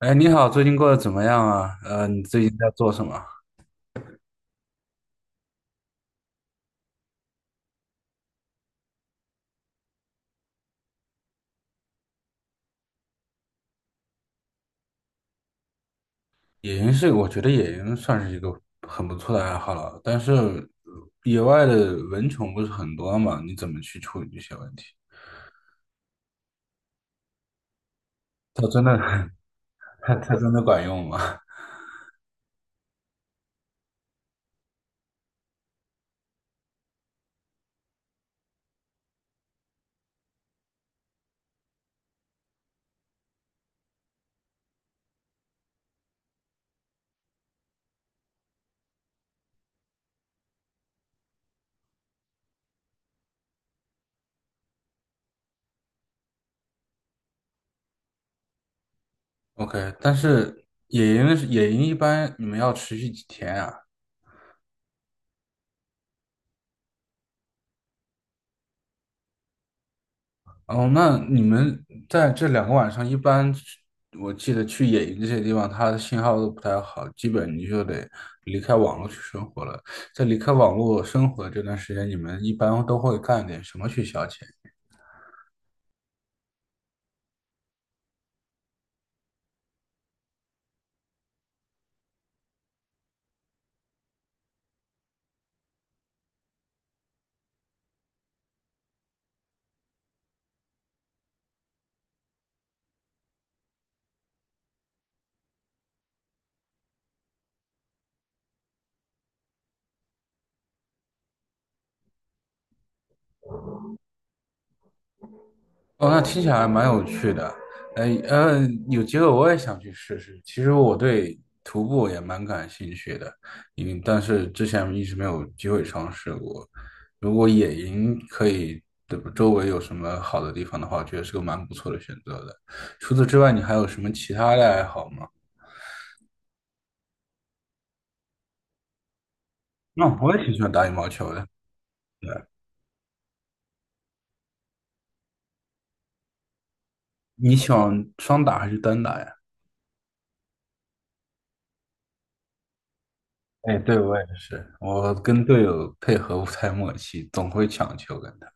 哎，你好，最近过得怎么样啊？你最近在做什么？野营是，我觉得野营算是一个很不错的爱好了，但是野外的蚊虫不是很多嘛，你怎么去处理这些问题？它真的，它真的管用吗 ？OK，但是野营一般你们要持续几天啊？哦，那你们在这两个晚上，一般去我记得去野营这些地方，它的信号都不太好，基本你就得离开网络去生活了。在离开网络生活这段时间，你们一般都会干点什么去消遣？哦，那听起来蛮有趣的。有机会我也想去试试。其实我对徒步也蛮感兴趣的，嗯，但是之前一直没有机会尝试过。如果野营可以，对吧，周围有什么好的地方的话，我觉得是个蛮不错的选择的。除此之外，你还有什么其他的爱好吗？那、我也挺喜欢打羽毛球的。对，你喜欢双打还是单打呀？哎，对，我也是，我跟队友配合不太默契，总会抢球跟他。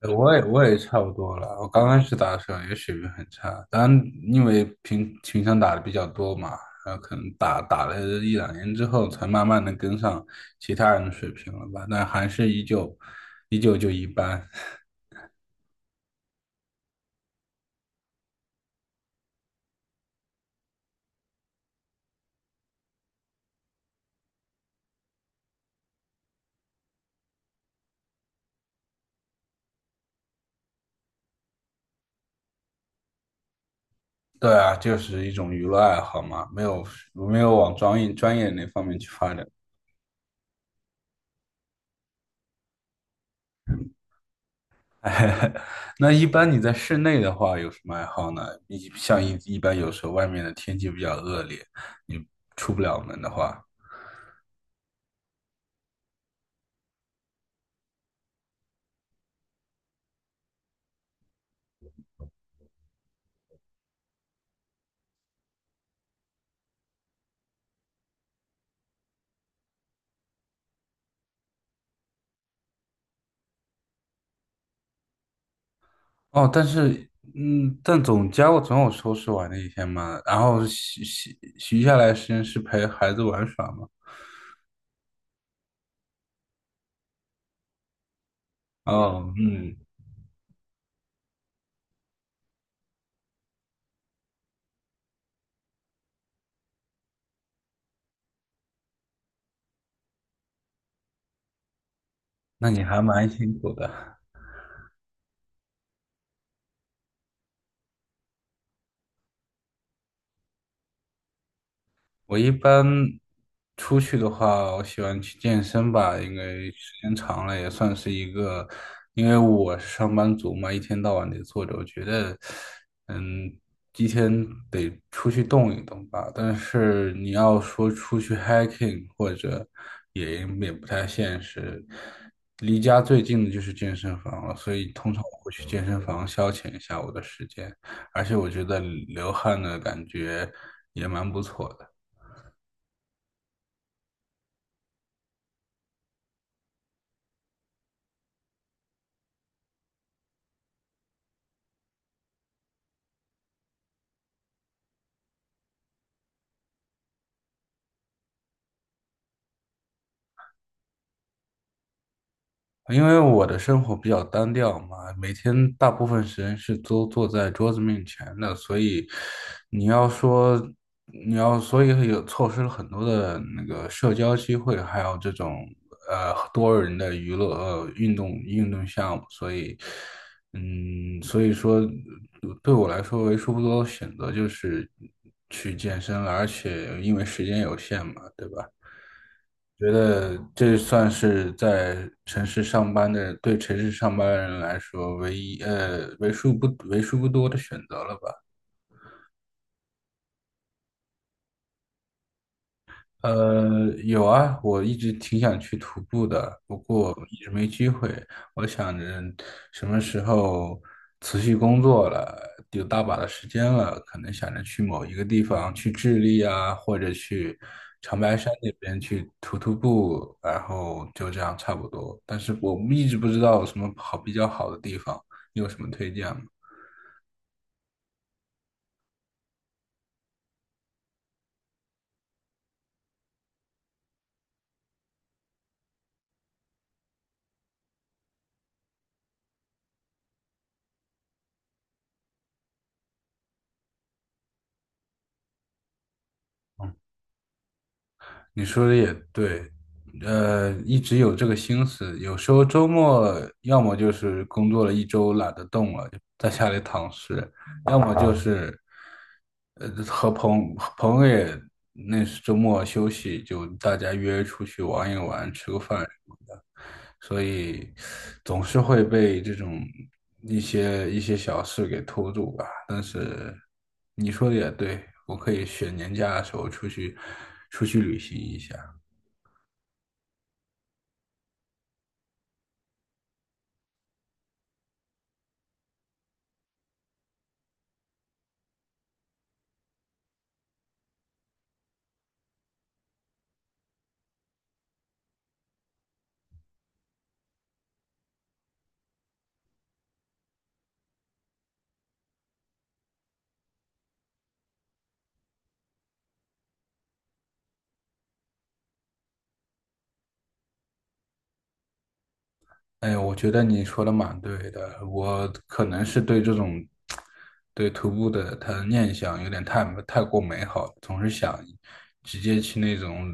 我也差不多了。我刚开始打的时候也水平很差，当然因为平常打的比较多嘛，然后可能打了一两年之后，才慢慢的跟上其他人的水平了吧。但还是依旧就一般。对啊，就是一种娱乐爱好嘛，没有往专业那方面去发展。那一般你在室内的话有什么爱好呢？一像一一般有时候外面的天气比较恶劣，你出不了门的话。哦，但是，嗯，但我总有收拾完的一天嘛，然后洗下来时间是陪孩子玩耍嘛。哦，嗯，那你还蛮辛苦的。我一般出去的话，我喜欢去健身吧，因为时间长了也算是一个，因为我是上班族嘛，一天到晚得坐着，我觉得，嗯，一天得出去动一动吧。但是你要说出去 hiking 或者也也不太现实，离家最近的就是健身房了，所以通常我会去健身房消遣一下我的时间，而且我觉得流汗的感觉也蛮不错的。因为我的生活比较单调嘛，每天大部分时间是都坐在桌子面前的，所以你要说你要，所以有错失了很多的那个社交机会，还有这种多人的娱乐，运动项目，所以嗯，所以说对我来说为数不多的选择就是去健身了，而且因为时间有限嘛，对吧？觉得这算是在城市上班的，对城市上班人来说唯一，为数不多的选择了吧。呃，有啊，我一直挺想去徒步的，不过一直没机会。我想着什么时候辞去工作了，有大把的时间了，可能想着去某一个地方，去智利啊，或者去长白山那边去徒步，然后就这样差不多。但是我一直不知道有什么好比较好的地方，你有什么推荐吗？你说的也对，呃，一直有这个心思，有时候周末要么就是工作了一周懒得动了，就在家里躺尸，要么就是，呃，和朋友也那是周末休息，就大家约出去玩一玩，吃个饭，所以总是会被这种一些小事给拖住吧。但是你说的也对，我可以选年假的时候出去旅行一下。哎，我觉得你说的蛮对的，我可能是对这种对徒步的他的念想有点太过美好了，总是想直接去那种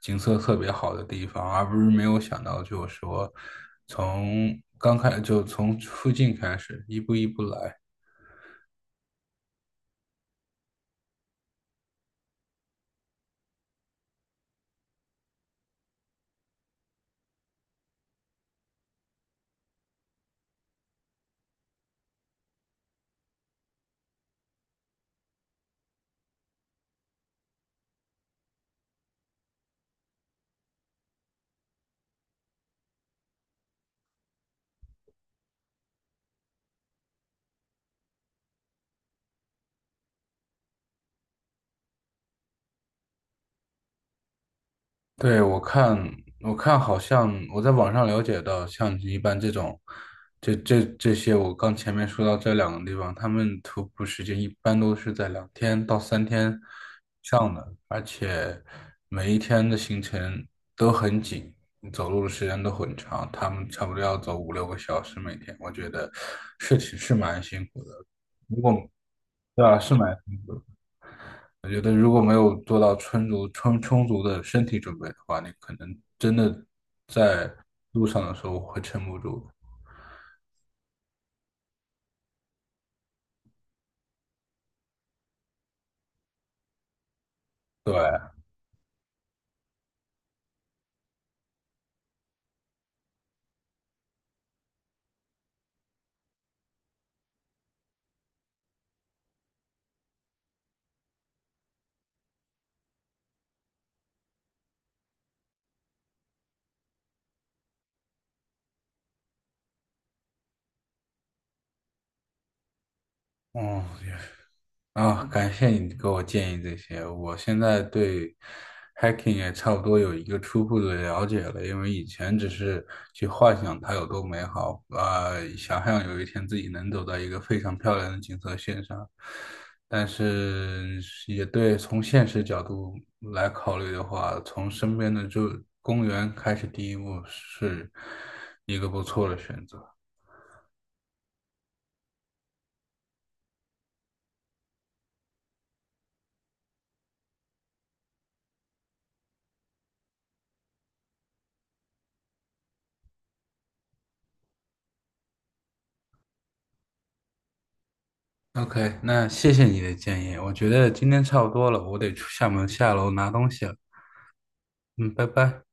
景色特别好的地方，而不是没有想到就是说从附近开始，一步一步来。对，我看，我看，好像我在网上了解到，像一般这种，这些，我刚前面说到这两个地方，他们徒步时间一般都是在两天到三天以上的，而且每一天的行程都很紧，走路的时间都很长，他们差不多要走五六个小时每天，我觉得是挺是蛮辛苦的。如果对啊，是蛮辛苦的。我觉得如果没有做到充足的身体准备的话，你可能真的在路上的时候会撑不住的。对，哦，也感谢你给我建议这些。我现在对 hacking 也差不多有一个初步的了解了，因为以前只是去幻想它有多美好，呃，想象有一天自己能走到一个非常漂亮的景色线上。但是也对，从现实角度来考虑的话，从身边的就公园开始第一步是一个不错的选择。OK，那谢谢你的建议，我觉得今天差不多了，我得出厦门下楼拿东西了。嗯，拜拜。